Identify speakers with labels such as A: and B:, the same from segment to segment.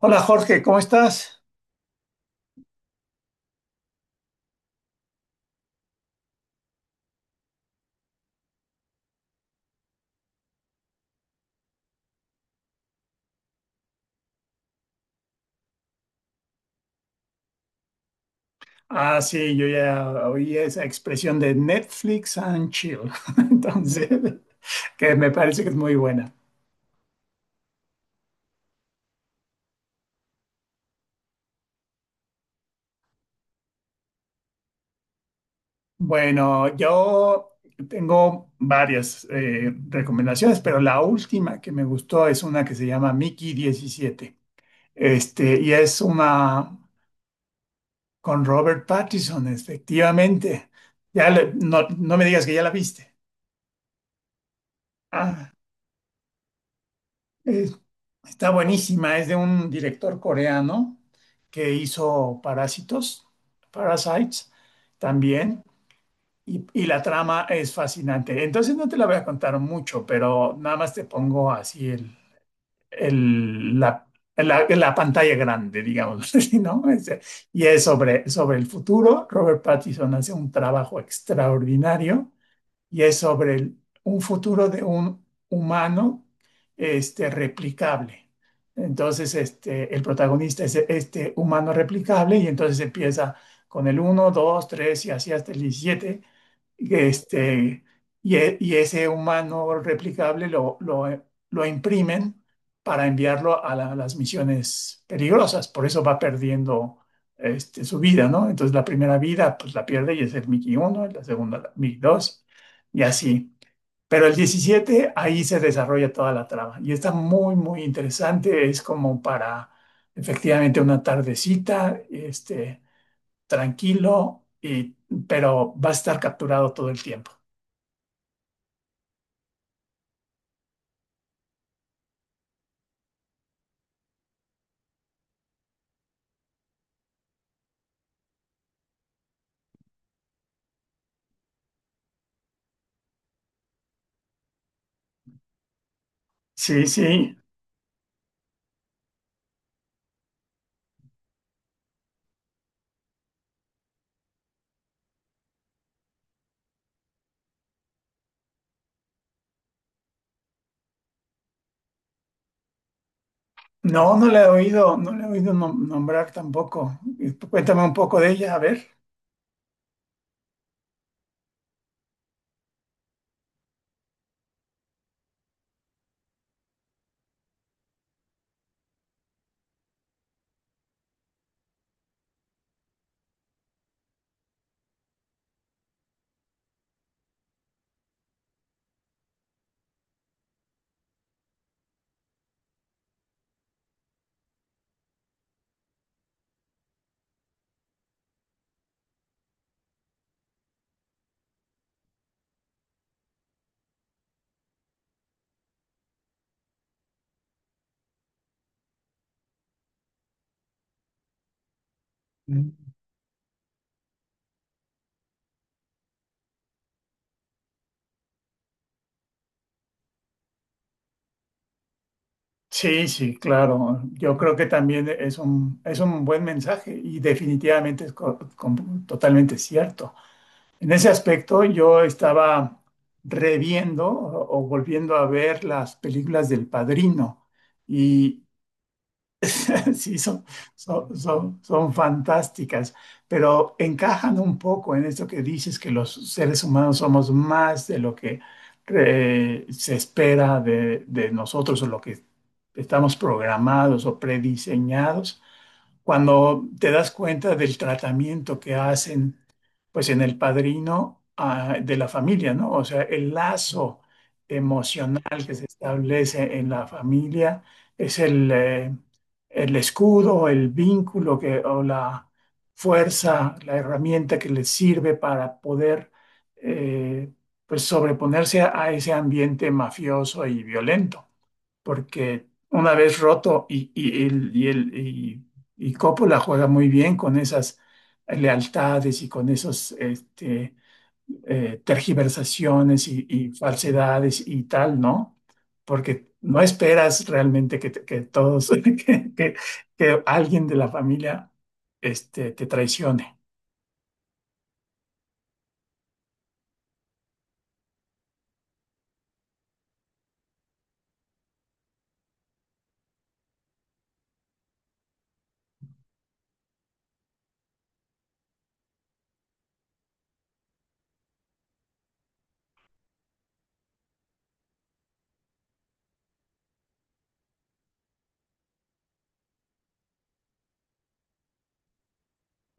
A: Hola, Jorge, ¿cómo estás? Ah, sí, yo ya oí esa expresión de Netflix and chill, entonces, que me parece que es muy buena. Bueno, yo tengo varias recomendaciones, pero la última que me gustó es una que se llama Mickey diecisiete. Y es una con Robert Pattinson, efectivamente. No, no me digas que ya la viste. Ah, es- Está buenísima, es de un director coreano que hizo Parásitos, Parasites también. Y la trama es fascinante. Entonces no te la voy a contar mucho, pero nada más te pongo así el- la, la pantalla grande, digamos, así, ¿no? Y es sobre, sobre el futuro. Robert Pattinson hace un trabajo extraordinario y es sobre un futuro de un humano replicable. Entonces, el protagonista es este humano replicable, y entonces empieza con el uno, dos, 3 y así hasta el 17. este, y ese humano replicable lo imprimen para enviarlo a, a las misiones peligrosas. Por eso va perdiendo, su vida, ¿no? Entonces la primera vida pues la pierde y es el Mickey 1, la segunda la Mickey 2, y así. Pero el 17, ahí se desarrolla toda la trama y está muy, muy interesante. Es como para, efectivamente, una tardecita, tranquilo, y, pero va a estar capturado todo el tiempo. Sí, sí. No, no le he oído, no le he oído nombrar tampoco. Y tú, cuéntame un poco de ella, a ver. Mm. Sí, sí, claro. Yo creo que también es un buen mensaje, y definitivamente es totalmente cierto. En ese aspecto, yo estaba reviendo o volviendo a ver las películas del Padrino, y sí, son, son fantásticas, pero encajan un poco en esto que dices, que los seres humanos somos más de lo que, se espera de nosotros, o lo que estamos programados o prediseñados cuando te das cuenta del tratamiento que hacen, pues, en el Padrino, de la familia, ¿no? O sea, el lazo emocional que se establece en la familia es el escudo, el vínculo que, o la fuerza, la herramienta que les sirve para poder, eh, pues, sobreponerse a ese ambiente mafioso y violento, porque una vez roto, y, y Coppola juega muy bien con esas lealtades y con esos, tergiversaciones y falsedades y tal, ¿no? Porque no esperas realmente que, que todos, que alguien de la familia, te traicione.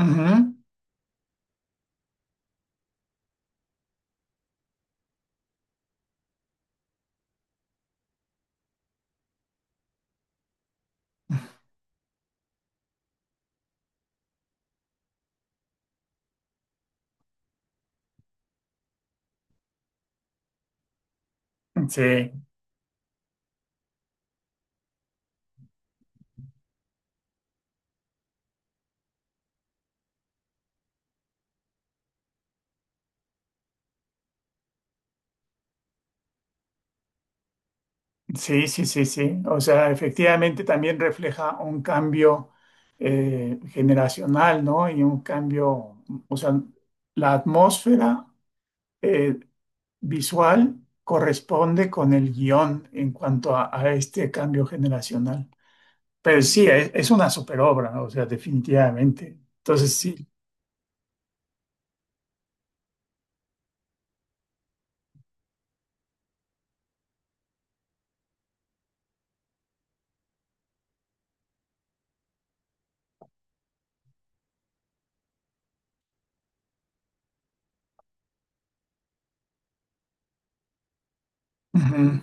A: Ujú. Sí. Sí, sí, sí, sí. O sea, efectivamente también refleja un cambio, generacional, ¿no? Y un cambio, o sea, la atmósfera, eh, visual corresponde con el guión en cuanto a este cambio generacional. Pero sí, es una superobra, ¿no? O sea, definitivamente. Entonces, sí. Ujú.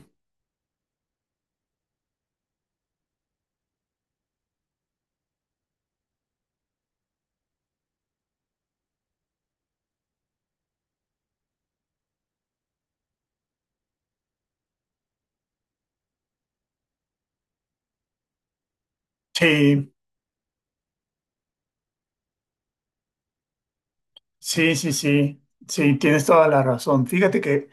A: Sí, sí, sí, sí. Sí, tienes toda la razón. Fíjate que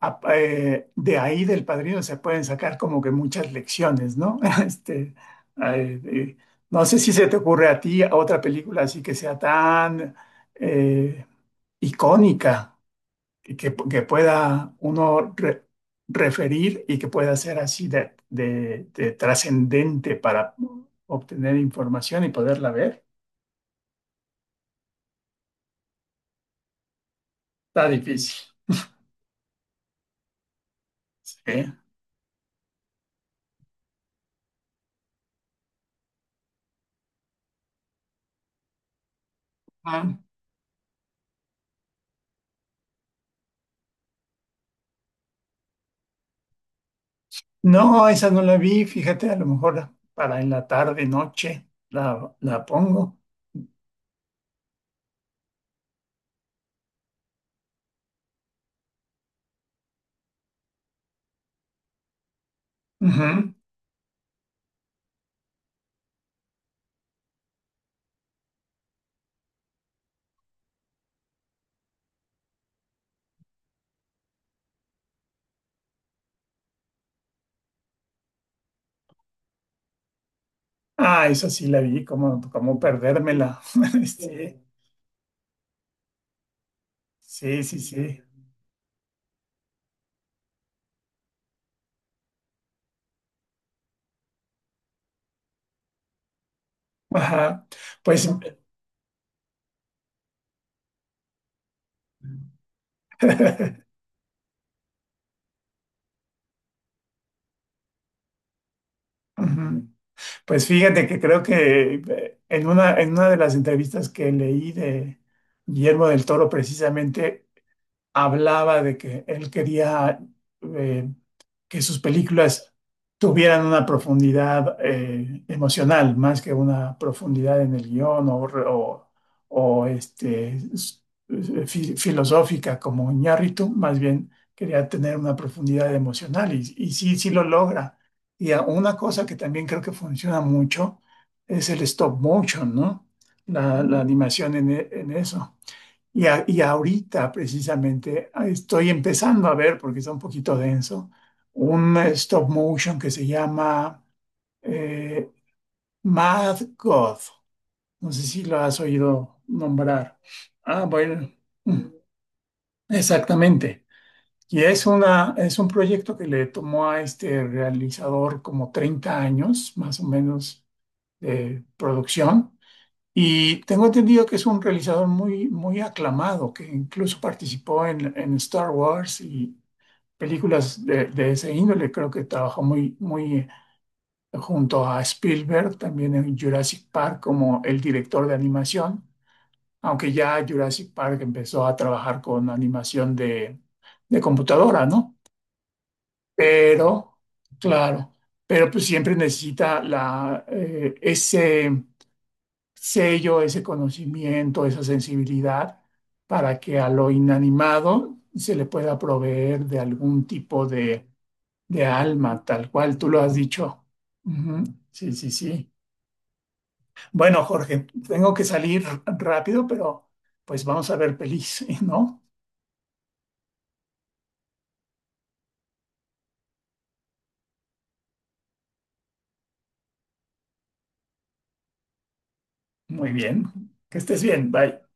A: de ahí del Padrino se pueden sacar como que muchas lecciones, ¿no? Este, ay, eh, no sé si se te ocurre a ti otra película así que sea tan, eh, icónica, y que pueda uno referir, y que pueda ser así de, de trascendente para obtener información y poderla ver. Está difícil. Sí. Ah. No, esa no la vi, fíjate, a lo mejor para en la tarde, noche, la pongo. Ujú. Ah, esa sí la vi, como, como perdérmela. Sí, sí, sí, sí. Ajá. Pues, ujú. Pues fíjate que creo que, en una de las entrevistas que leí de Guillermo del Toro, precisamente hablaba de que él quería, eh, que sus películas tuvieran una profundidad, emocional, más que una profundidad en el guión, o, filosófica como Iñárritu, más bien quería tener una profundidad emocional, y sí, sí lo logra. Y una cosa que también creo que funciona mucho es el stop motion, ¿no? La animación en, en eso. Y, y ahorita precisamente, estoy empezando a ver, porque está un poquito denso, un, stop motion que se llama, eh, Mad God. No sé si lo has oído nombrar. Ah, bueno, mm, exactamente. Y es una, es un proyecto que le tomó a este realizador como 30 años, más o menos, de producción. Y tengo entendido que es un realizador muy, muy aclamado, que incluso participó en Star Wars y películas de ese índole. Creo que trabajó muy, muy, junto a Spielberg, también en Jurassic Park, como el director de animación, aunque ya Jurassic Park empezó a trabajar con animación de computadora, ¿no? Pero, claro, pero pues siempre necesita la, ese sello, ese conocimiento, esa sensibilidad, para que a lo inanimado se le pueda proveer de algún tipo de alma, tal cual tú lo has dicho. Ujú. Sí, sí, sí. Bueno, Jorge, tengo que salir rápido, pero pues vamos a ver pelis, ¿no? Muy bien. Que estés bien. Bye.